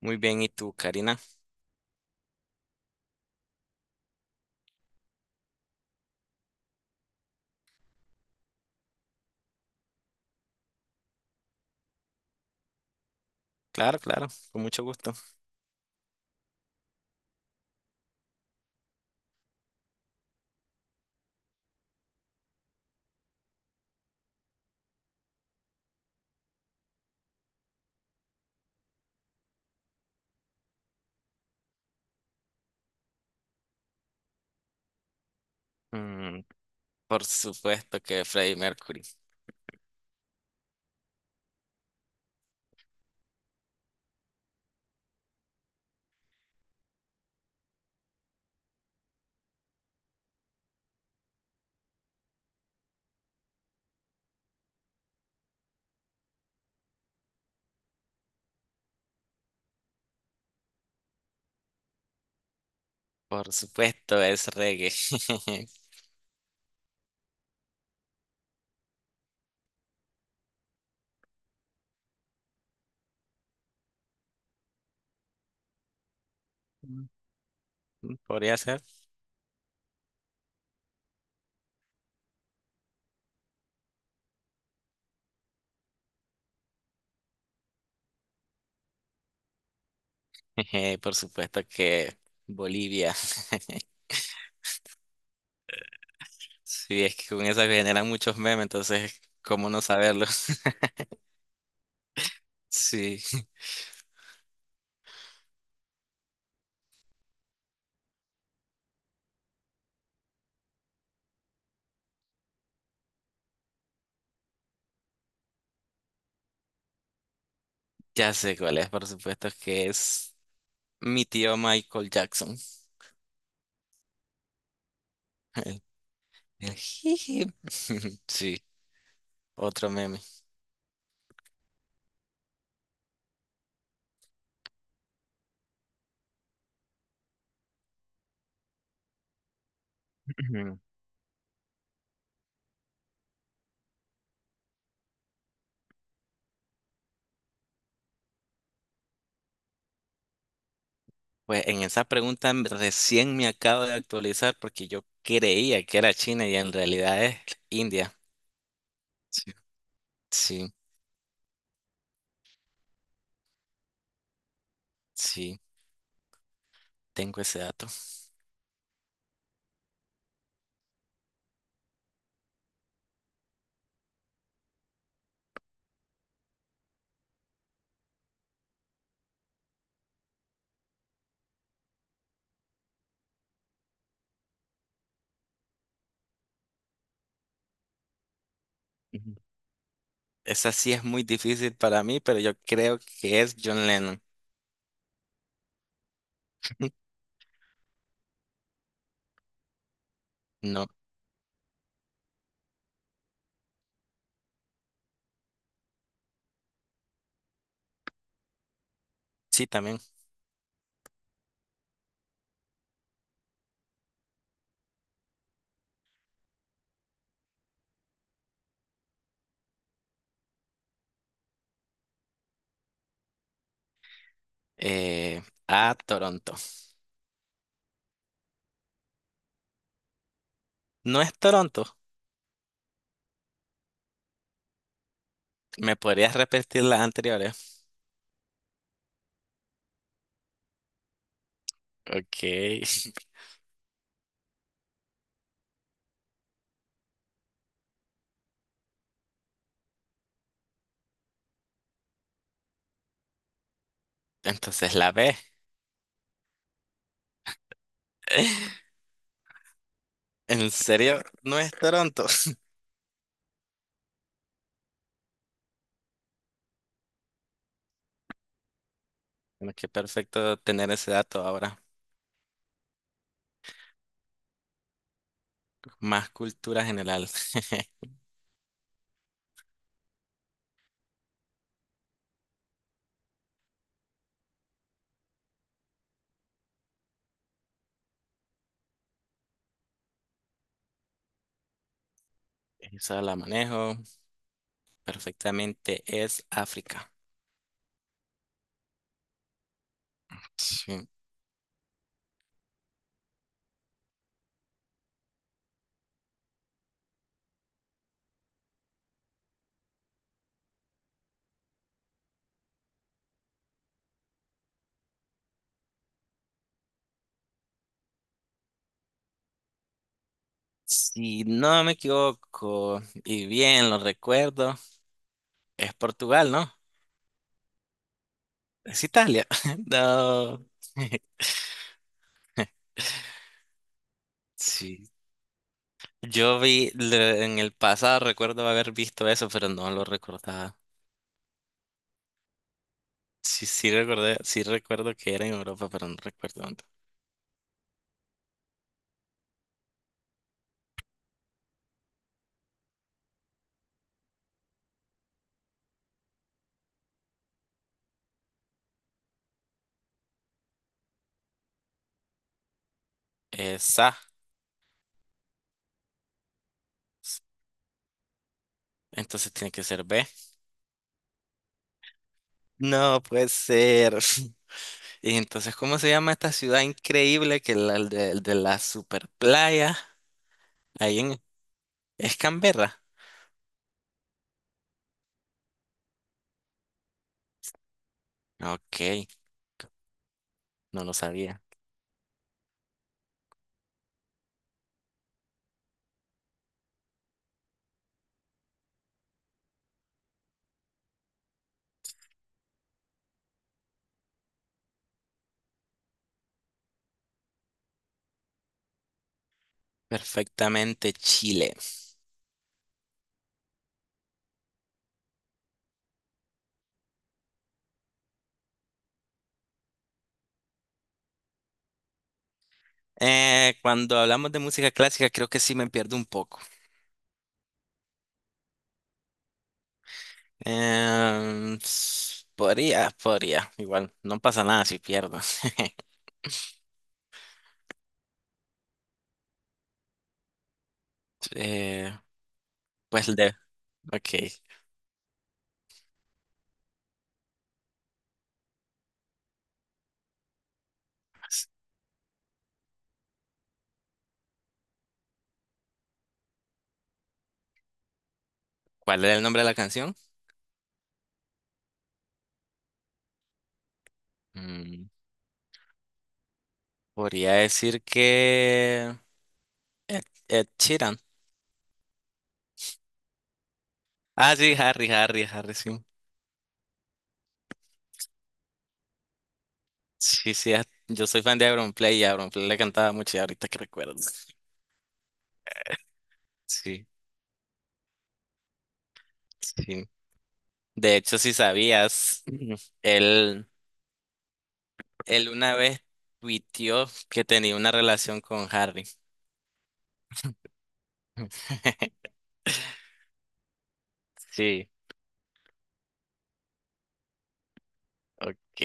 Muy bien, ¿y tú, Karina? Claro, claro, con mucho gusto. Mm, por supuesto que Freddie Mercury. Por supuesto es reggae. Podría ser. Jeje, por supuesto que Bolivia. Sí, es que con eso generan muchos memes, entonces, ¿cómo no saberlo? Sí, ya sé cuál es, por supuesto que es mi tío Michael Jackson. El- Jiji. Sí, otro meme. Pues en esa pregunta recién me acabo de actualizar porque yo creía que era China y en realidad es India. Sí. Sí, sí, tengo ese dato. Ujú. Esa sí es muy difícil para mí, pero yo creo que es John Lennon. No, sí, también. Eh, a Toronto. No es Toronto. ¿Me podrías repetir las anteriores? Ok. Entonces la B. ¿En serio? No es Toronto. Bueno, qué perfecto tener ese dato ahora. Más cultura general. Esa la manejo perfectamente. Es África. Sí. Si no me equivoco y bien lo recuerdo, es Portugal, ¿no? Es Italia. No. Sí. Yo vi en el pasado, recuerdo haber visto eso, pero no lo recordaba. Sí, sí recordé, sí recuerdo que era en Europa, pero no recuerdo dónde. Esa. Entonces tiene que ser B. No puede ser. Y entonces, ¿cómo se llama esta ciudad increíble que la el de la super playa? Ahí en. ¿Es Canberra? Ok, no lo sabía. Perfectamente Chile. Cuando hablamos de música clásica, creo que sí me pierdo un poco. Podría. Igual, no pasa nada si pierdo. Eh, pues de. Ok, ¿cuál era el nombre de la canción? Mm, Podría decir que. Ed, Ed Sheeran. Ah, sí, Harry, Harry, Harry, sí. Sí, sí, yo soy fan de Auronplay y Auronplay le cantaba mucho y ahorita que recuerdo. Sí, sí. De hecho, si sabías, Ujú. él, él una vez tuiteó que tenía una relación con Harry. Sí, ok.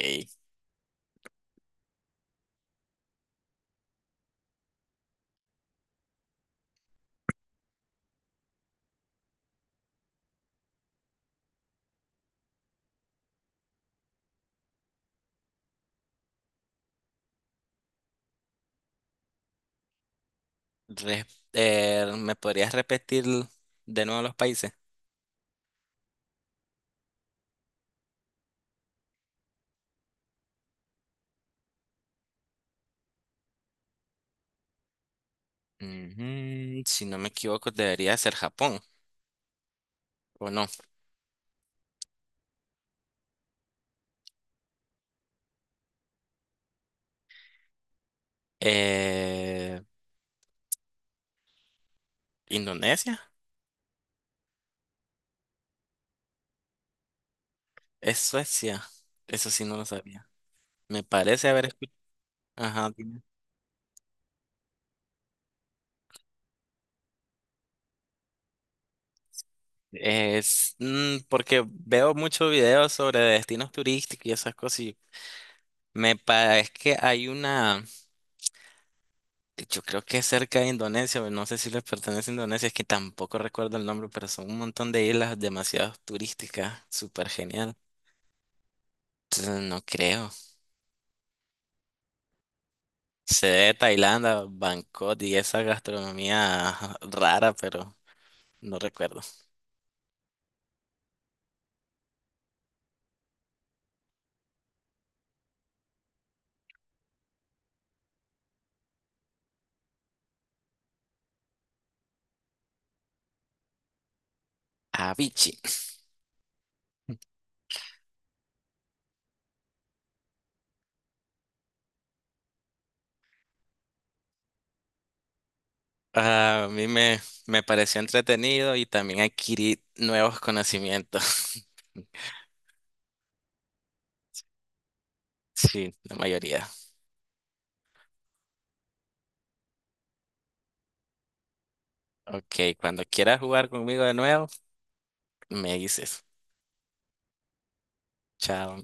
Re- ¿Me podrías repetir de nuevo los países? Ujú, si no me equivoco, debería ser Japón, ¿o no? Eh, ¿Indonesia? ¿Es Suecia? Eso sí no lo sabía. Me parece haber. Ajá, dime. Es porque veo muchos videos sobre destinos turísticos y esas cosas y me parece que hay una, yo creo que es cerca de Indonesia, pero no sé si les pertenece a Indonesia, es que tampoco recuerdo el nombre, pero son un montón de islas demasiado turísticas, súper genial. Entonces, no creo. Sé de Tailandia, Bangkok y esa gastronomía rara, pero no recuerdo. Avicii. Ah, a mí me pareció entretenido y también adquirí nuevos conocimientos. Sí, la mayoría. Ok, cuando quieras jugar conmigo de nuevo, me dices. Chao.